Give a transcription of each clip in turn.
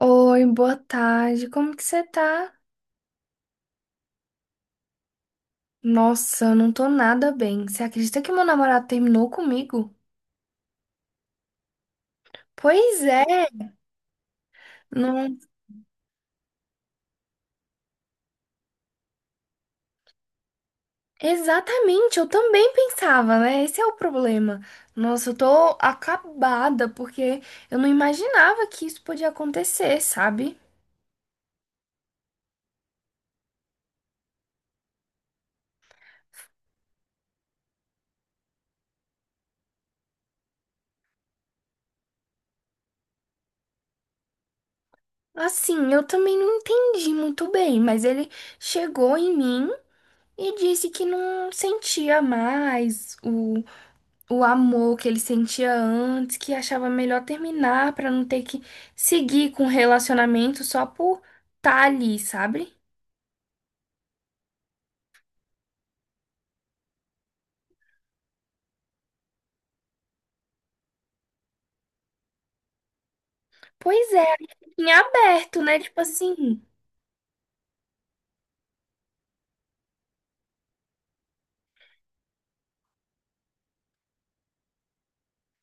Oi, boa tarde. Como que você tá? Nossa, eu não tô nada bem. Você acredita que meu namorado terminou comigo? Pois é, não... Exatamente, eu também pensava, né? Esse é o problema. Nossa, eu tô acabada porque eu não imaginava que isso podia acontecer, sabe? Assim, eu também não entendi muito bem, mas ele chegou em mim e disse que não sentia mais o amor que ele sentia antes, que achava melhor terminar pra não ter que seguir com o relacionamento só por tá ali, sabe? Pois é, em aberto, né? Tipo assim.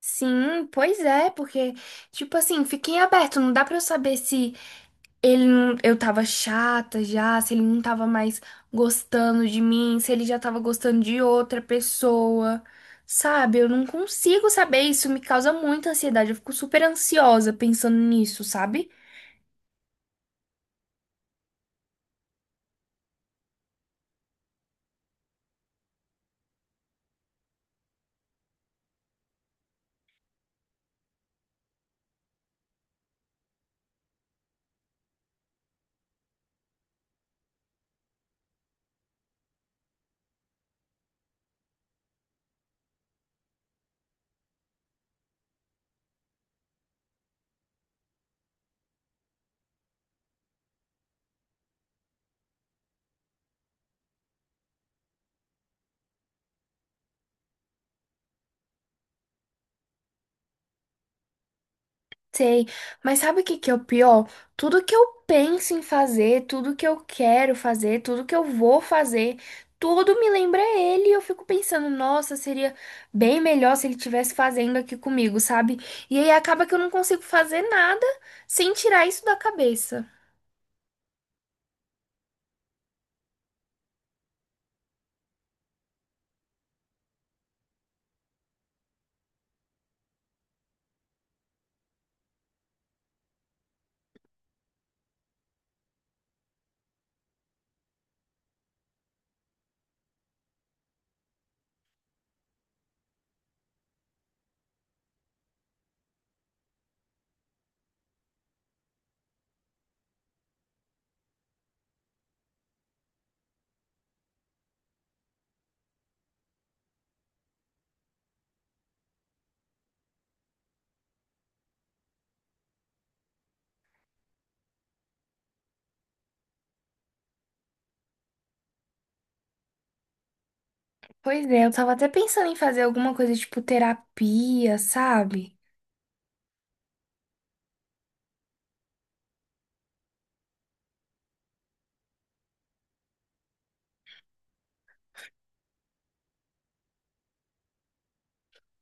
Sim, pois é, porque, tipo assim, fica em aberto, não dá pra eu saber se ele não, eu tava chata já, se ele não tava mais gostando de mim, se ele já tava gostando de outra pessoa, sabe? Eu não consigo saber, isso me causa muita ansiedade, eu fico super ansiosa pensando nisso, sabe? Sei, mas sabe o que que é o pior? Tudo que eu penso em fazer, tudo que eu quero fazer, tudo que eu vou fazer, tudo me lembra ele e eu fico pensando, nossa, seria bem melhor se ele estivesse fazendo aqui comigo, sabe? E aí acaba que eu não consigo fazer nada sem tirar isso da cabeça. Pois é, eu tava até pensando em fazer alguma coisa tipo terapia, sabe?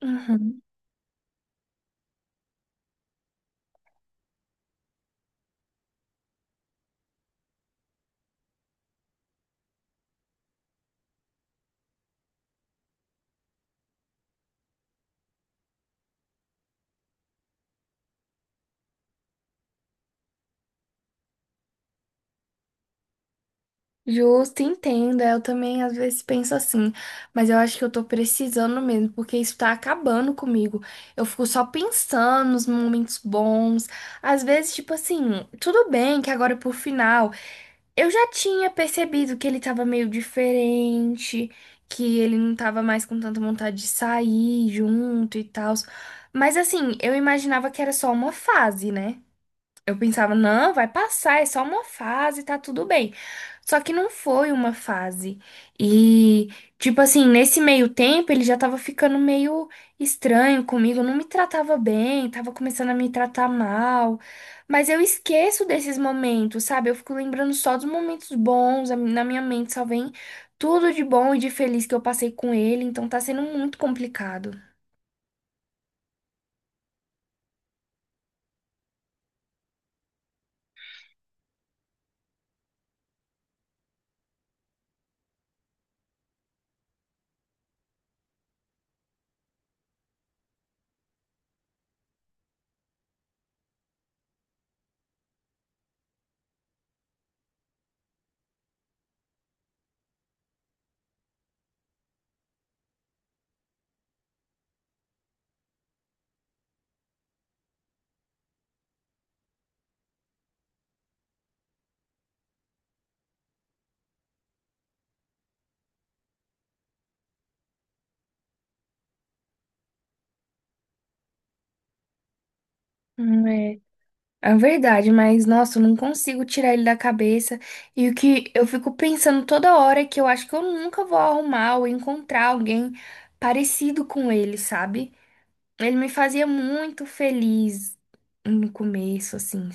Uhum. Justo, entendo. É, eu também às vezes penso assim, mas eu acho que eu tô precisando mesmo, porque isso tá acabando comigo. Eu fico só pensando nos momentos bons. Às vezes, tipo assim, tudo bem que agora por final eu já tinha percebido que ele tava meio diferente, que ele não tava mais com tanta vontade de sair junto e tal. Mas assim, eu imaginava que era só uma fase, né? Eu pensava, não, vai passar, é só uma fase, tá tudo bem. Só que não foi uma fase. E, tipo assim, nesse meio tempo ele já tava ficando meio estranho comigo, não me tratava bem, tava começando a me tratar mal. Mas eu esqueço desses momentos, sabe? Eu fico lembrando só dos momentos bons, a- na minha mente só vem tudo de bom e de feliz que eu passei com ele, então tá sendo muito complicado. É. É verdade, mas nossa, eu não consigo tirar ele da cabeça. E o que eu fico pensando toda hora é que eu acho que eu nunca vou arrumar ou encontrar alguém parecido com ele, sabe? Ele me fazia muito feliz no começo, assim.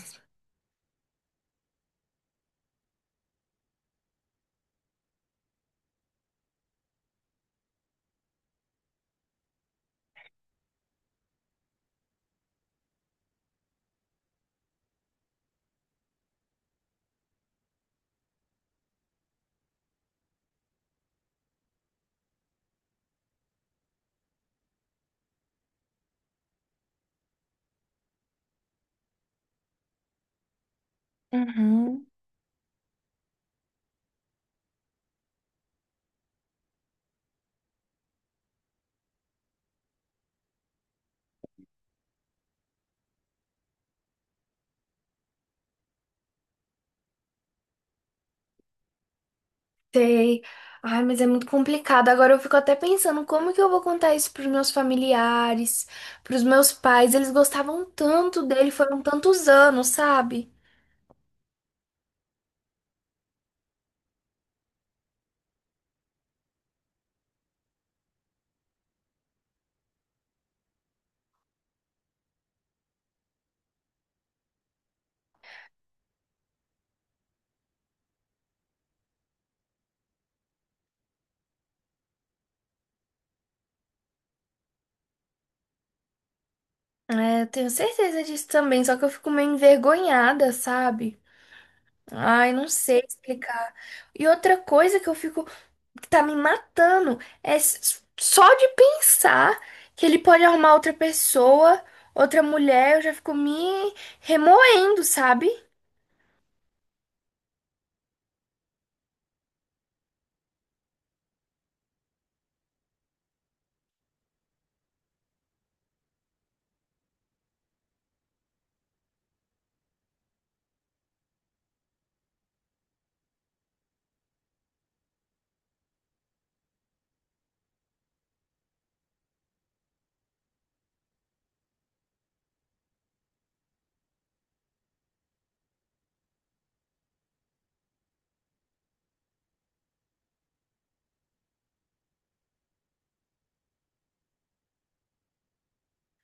Uhum, sei. Ai, mas é muito complicado. Agora eu fico até pensando como que eu vou contar isso pros meus familiares, pros meus pais. Eles gostavam tanto dele, foram tantos anos, sabe? É, eu tenho certeza disso também, só que eu fico meio envergonhada, sabe? Ai, não sei explicar. E outra coisa que eu fico, que tá me matando, é s- só de pensar que ele pode arrumar outra pessoa, outra mulher, eu já fico me remoendo, sabe?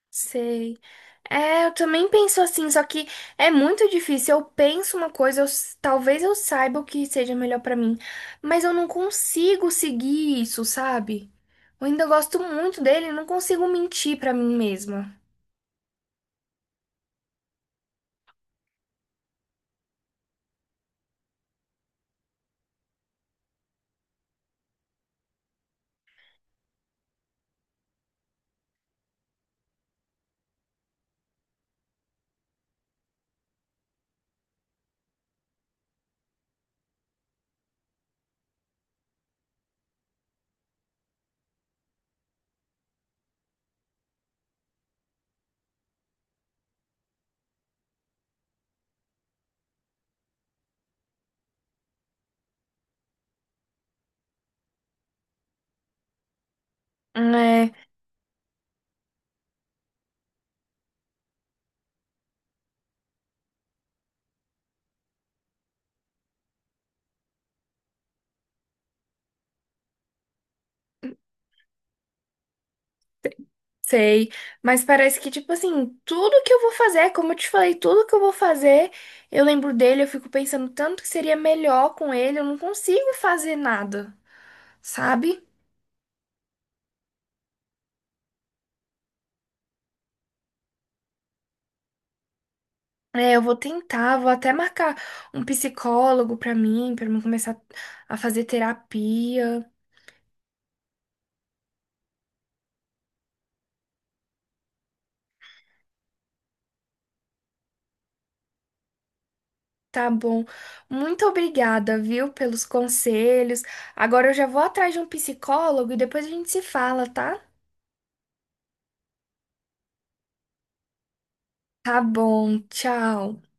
Sei. É, eu também penso assim, só que é muito difícil. Eu penso uma coisa, eu s- talvez eu saiba o que seja melhor pra mim, mas eu não consigo seguir isso, sabe? Eu ainda gosto muito dele, não consigo mentir pra mim mesma. É, sei. Mas parece que, tipo assim, tudo que eu vou fazer, como eu te falei, tudo que eu vou fazer, eu lembro dele, eu fico pensando tanto que seria melhor com ele, eu não consigo fazer nada, sabe? É, eu vou tentar, vou até marcar um psicólogo pra mim começar a fazer terapia. Tá bom. Muito obrigada, viu, pelos conselhos. Agora eu já vou atrás de um psicólogo e depois a gente se fala, tá? Tá bom. Tchau.